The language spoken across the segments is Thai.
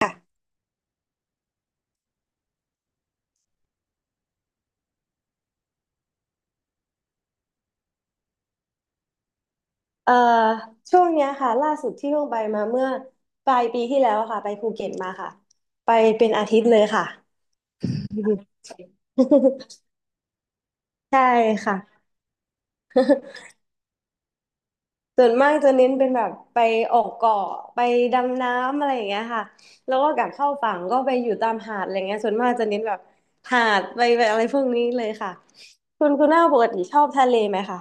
ค่ะเอ่อช่วงเนี้ยค่ะล่าสุดที่เพิ่งไปมาเมื่อปลายปีที่แล้วอะค่ะไปภูเก็ตมาค่ะไปเป็นอาทิตย์เลยค่ะ ใช่ค่ะส่วนมากจะเน้นเป็นแบบไปออกเกาะไปดำน้ำอะไรอย่างเงี้ยค่ะแล้วก็กลับเข้าฝั่งก็ไปอยู่ตามหาดอะไรเงี้ยส่วนมากจะเน้นแบบหาดไปแบบอะไรพวกนี้เลยค่ะคุณหน้าปกติชอบทะเลไหมคะ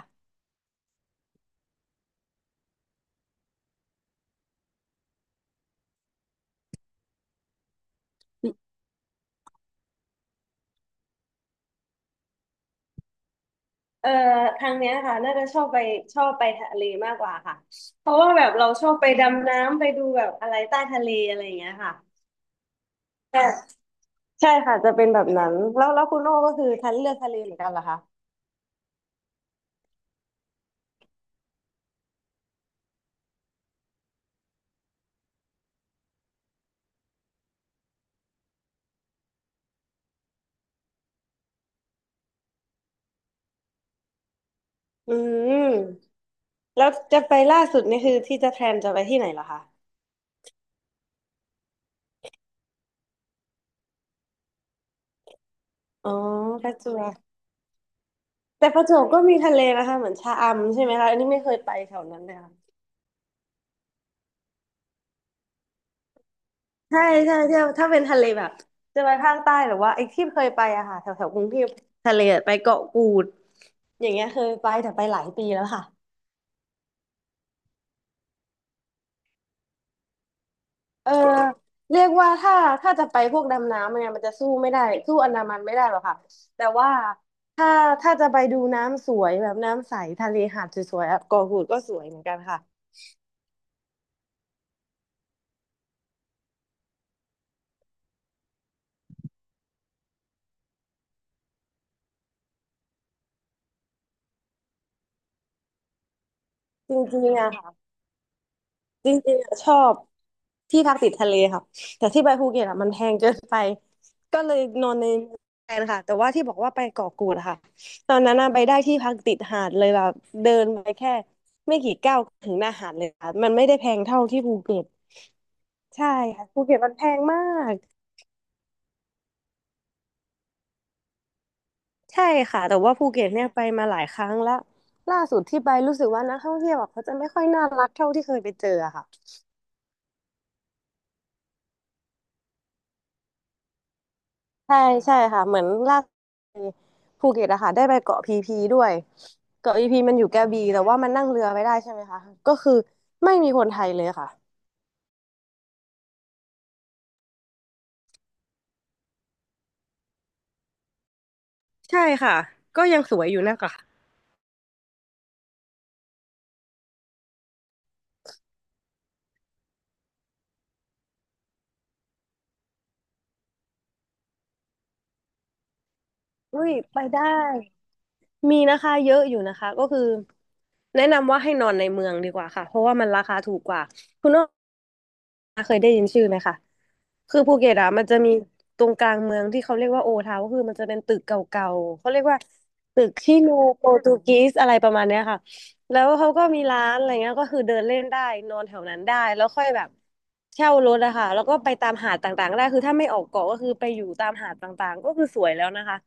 เอ่อทางเนี้ยค่ะน่าจะชอบไปชอบไปทะเลมากกว่าค่ะเพราะว่าแบบเราชอบไปดำน้ำไปดูแบบอะไรใต้ทะเลอะไรอย่างเงี้ยค่ะใช่ใช่ค่ะจะเป็นแบบนั้นแล้วคุณโอ้ก็คือทันเลือกทะเลเหมือนกันเหรอคะอืมแล้วจะไปล่าสุดนี่คือที่จะแพลนจะไปที่ไหนเหรอคะอ๋อประจวบแต่ประจวบก็มีทะเลนะคะเหมือนชะอำใช่ไหมคะอันนี้ไม่เคยไปแถวนั้นเลยค่ะใช่ใช่เที่ยวถ้าเป็นทะเลแบบจะไปภาคใต้หรือว่าไอ้ที่เคยไปอะค่ะแถวแถวกรุงเทพทะเลอะไปเกาะกูด อย่างเงี้ยเคยไปแต่ไปหลายปีแล้วค่ะ เออเรียกว่าถ้าจะไปพวกดำน้ำเนี่ยมันจะสู้ไม่ได้สู้อันดามันไม่ได้หรอกค่ะแต่ว่าถ้าจะไปดูน้ำสวยแบบน้ำใสทะเลหาดสวยๆอ่ะเกาะกูดก็สวยเหมือนกันค่ะจริงๆอ่ะ จริงๆอะชอบที่พักติดทะเลครับแต่ที่ไปภูเก็ตอ่ะมันแพงเกินไปก็เลยนอนในเมืองแทนค่ะแต่ว่าที่บอกว่าไปเกาะกูดอะค่ะตอนนั้นน่ะไปได้ที่พักติดหาดเลยแบบเดินไปแค่ไม่กี่ก้าวถึงหน้าหาดเลยค่ะมันไม่ได้แพงเท่าที่ภูเก็ตใช่ค่ะภูเก็ตมันแพงมากใช่ค่ะแต่ว่าภูเก็ตเนี่ยไปมาหลายครั้งแล้วล่าสุดที่ไปรู้สึกว่านักท่องเที่ยวอะเขาจะไม่ค่อยน่ารักเท่าที่เคยไปเจออะค่ะ ใช่ใช่ค่ะเหมือนล่าสุดภูเก็ตอะค่ะได้ไปเกาะพีพีด้วยเกาะพีพีมันอยู่กระบี่แต่ว่ามันนั่งเรือไม่ได้ใช่ไหมคะก็คือไม่มีคนไทยเลยค่ะใช่ค่ะก็ยังสวยอยู่นะคะอุ้ยไปได้มีนะคะเยอะอยู่นะคะก็คือแนะนำว่าให้นอนในเมืองดีกว่าค่ะเพราะว่ามันราคาถูกกว่าคุณอ้อ เคยได้ยินชื่อไหมคะคือภูเก็ตอะมันจะมีตรงกลางเมืองที่เขาเรียกว่าโอทาวก็คือมันจะเป็นตึกเก่าๆเขาเรียกว่าตึกชิโนโปรตุกีสอะไรประมาณเนี้ยค่ะแล้วเขาก็มีร้านอะไรเงี้ยก็คือเดินเล่นได้นอนแถวนั้นได้แล้วค่อยแบบเช่ารถอะค่ะแล้วก็ไปตามหาดต่างๆได้คือถ้าไม่ออกเกาะก็คือไปอยู่ตามหาดต่างๆก็คือสวยแล้วนะคะ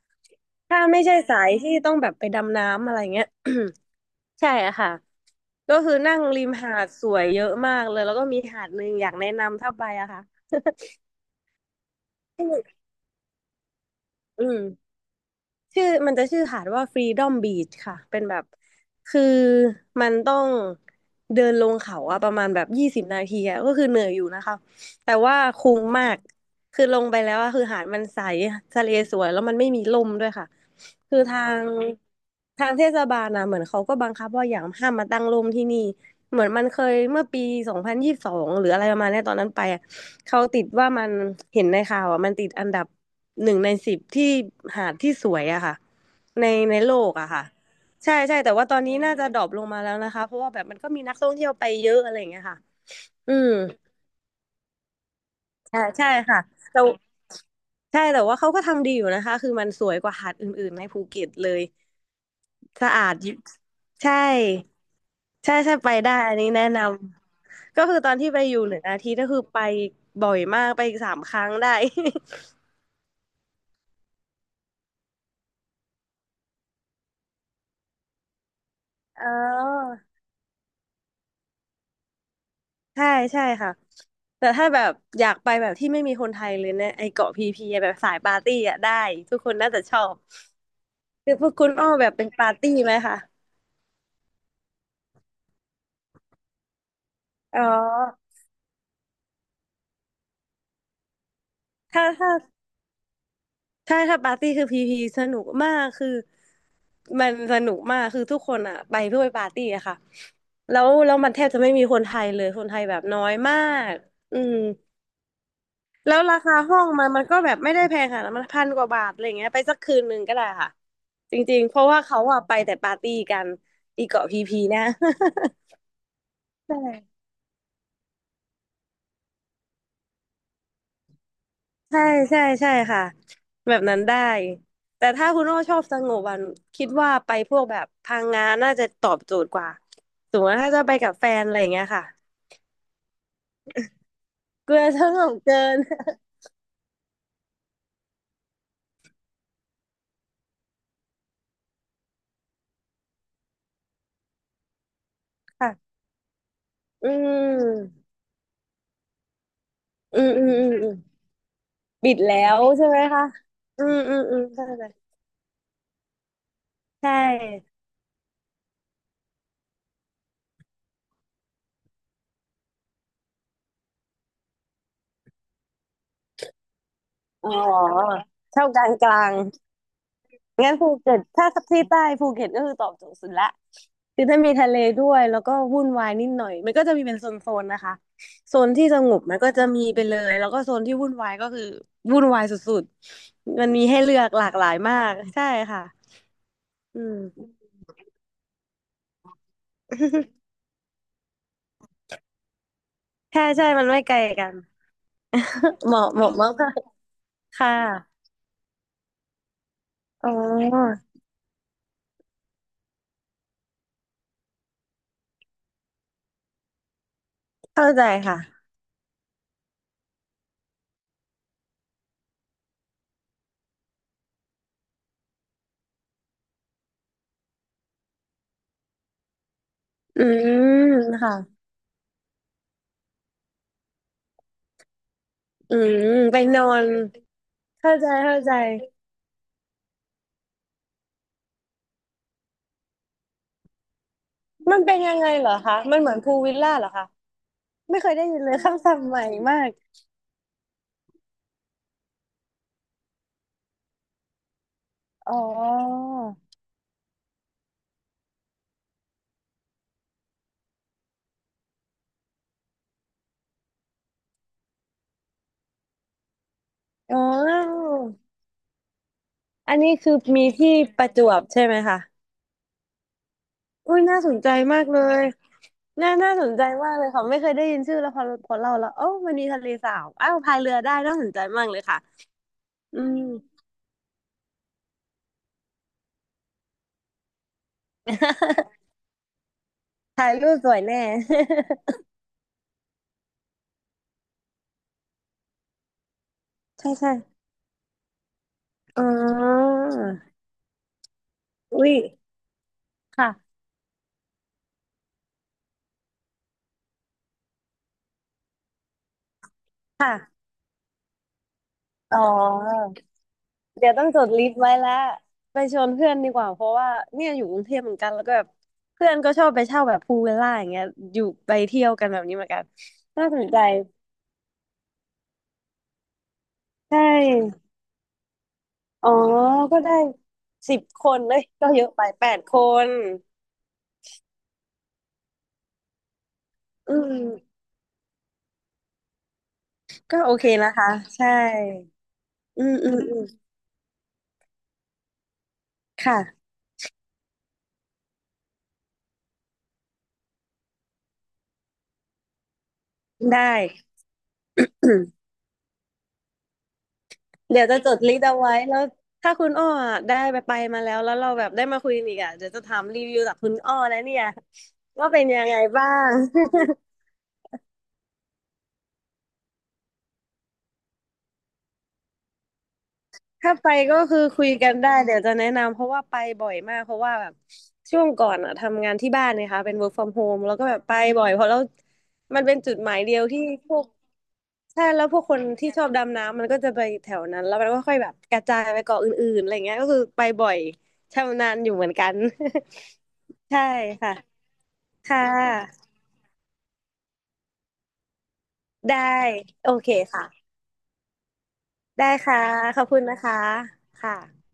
ถ้าไม่ใช่สายที่ต้องแบบไปดำน้ำอะไรเงี้ย ใช่อะค่ะก็คือนั่งริมหาดสวยเยอะมากเลยแล้วก็มีหาดหนึ่งอยากแนะนำถ้าไปอะค่ะ อืม ชื่อมันจะชื่อหาดว่า Freedom Beach ค่ะเป็นแบบคือมันต้องเดินลงเขาอะประมาณแบบ20 นาทีอะก็คือเหนื่อยอยู่นะคะแต่ว่าคุ้มมากคือลงไปแล้วอะคือหาดมันใสทะเลสวยแล้วมันไม่มีลมด้วยค่ะคือทางเทศบาลนะเหมือนเขาก็บังคับว่าอย่างห้ามมาตั้งร่มที่นี่ เหมือนมันเคยเมื่อปี2022หรืออะไรประมาณเนี้ยตอนนั้นไปอะเขาติดว่ามันเห็นในข่าวอ่ะมันติดอันดับหนึ่งในสิบที่หาดที่สวยอะค่ะในโลกอะค่ะใช่ใช่แต่ว่าตอนนี้น่าจะดรอปลงมาแล้วนะคะเพราะว่าแบบมันก็มีนักท่องเที่ยวไปเยอะอะไรอย่างเงี้ยค่ะอืมใช่ใช่ค่ะแต่ใช่แต่ว่าเขาก็ทำดีอยู่นะคะคือมันสวยกว่าหาดอื่นๆในภูเก็ตเลยสะอาดอยู่ใช่ใช่ใช่ไปได้อันนี้แนะนำ ก็คือตอนที่ไปอยู่หนึ่งอาทิตย์ก็คือไปบ่อยมากไปสามครั้งได้ อ๋อใช่ใช่ค่ะแต่ถ้าแบบอยากไปแบบที่ไม่มีคนไทยเลยเนี่ยไอเกาะพีพีอะแบบสายปาร์ตี้อะได้ทุกคนน่าจะชอบคือพวกคุณอ้อแบบเป็นปาร์ตี้ไหมคะอ๋อถ้าใช่ถ้าปาร์ตี้คือพีพีสนุกมากคือมันสนุกมากคือทุกคนอ่ะไปเพื่อไปปาร์ตี้อะค่ะแล้วมันแทบจะไม่มีคนไทยเลยคนไทยแบบน้อยมากอืม แล้วราคาห้องมันก็แบบไม่ได้แพงค่ะมันพันกว่าบาทอะไรเงี้ยไปสักคืนหนึ่งก็ได้ค่ะจริงๆเพราะว่าเขาอะไปแต่ปาร์ตี้กันอีเกาะพีพีนะ ใช่ใช่ใช่ใช่ค่ะแบบนั้นได้แต่ถ้าคุณโอ้ชอบสงบวันคิดว่าไปพวกแบบพังงาน่าจะตอบโจทย์กว่าสมมติว่าถ้าจะไปกับแฟนอะไรเงี้ยค่ะกลัวสงบเกิน ค่ะอืมอืมอืมอืมอืมปิดแล้วใช่ไหมคะอืมอืมอืมใช่ใช่ อ๋อเช่ากลางงั้นภูเก็ตถ้าที่ใต้ภูเก็ตก็คือตอบโจทย์สุดละคือถ้ามีทะเลด้วยแล้วก็วุ่นวายนิดหน่อยมันก็จะมีเป็นโซนๆนะคะโซนที่สงบมันก็จะมีไปเลยแล้วก็โซนที่วุ่นวายก็คือวุ่นวายสุดๆมันมีให้เลือกหลากหลายมากใช่ค่ะอืม ใช่ใช่มันไม่ไกลกัน เหมาะเหมาะมากๆค่ะอ๋อเข้าใจค่ะอืมค่ะอืมไปนอนเข้าใจเข้าใจ มันเป็นยังไงเหรอคะ มันเหมือนพูลวิลล่าเหรอคะไม่เคยได้ยินเลยคำศัพท์ใหม่มากอ๋ออ๋ออันนี้คือมีที่ประจวบใช่ไหมคะอุ้ยน่าสนใจมากเลยน่าน่าสนใจมากเลยค่ะไม่เคยได้ยินชื่อแล้วพอพอเราแล้วโอ้ามันมีทะเลสาบอ้าวพายเรือได้น่าสนใจมากเลยค่ะอืม ถ่ายรูปสวยแน่ ใช่ใช่อ๋ออุ้ยค่ะค่ะอ๋อ เดี๋ยวต้องจดลิสต์ไว้แล้วไปชวนเพื่อนดีกว่าเพราะว่าเนี่ยอยู่กรุงเทพเหมือนกันแล้วก็แบบเพื่อนก็ชอบไปเช่าแบบพูลวิลล่าอย่างเงี้ยอยู่ไปเที่ยวกันแบบนี้เหมือนกันน่าสนใจใช่อ๋อก็ได้สิบคนเลยก็เยอะไปแปดคนอืมก็โอเคนะคะใช่อืมอืมอืมค่ะได้ เดี๋ยวจะจดลิสต์เอาไว้แล้วถ้าคุณอ้ออะได้ไปไปมาแล้วแล้วเราแบบได้มาคุยกันอีกอ่ะเดี๋ยวจะถามรีวิวจากคุณอ้อแล้วเนี่ยว่าเป็นยังไงบ้าง ถ้าไปก็คือคุยกันได้เดี๋ยวจะแนะนำเพราะว่าไปบ่อยมากเพราะว่าแบบช่วงก่อนอ่ะทำงานที่บ้านนะคะเป็น work from home แล้วก็แบบไปบ่อยเพราะแล้วมันเป็นจุดหมายเดียวที่พวกใช่แล้วพวกคนที่ชอบดำน้ำมันก็จะไปแถวนั้นแล้วมันก็ค่อยแบบกระจายไปเกาะอื่นๆอะไรเงี้ยก็คือไปบ่อยชำนาญอยู่เหมือนกัน ใช่ค่ะ ค่ะ ได้ โอเคค่ะ ได้ค่ะ ขอบคุณนะคะ ค่ะ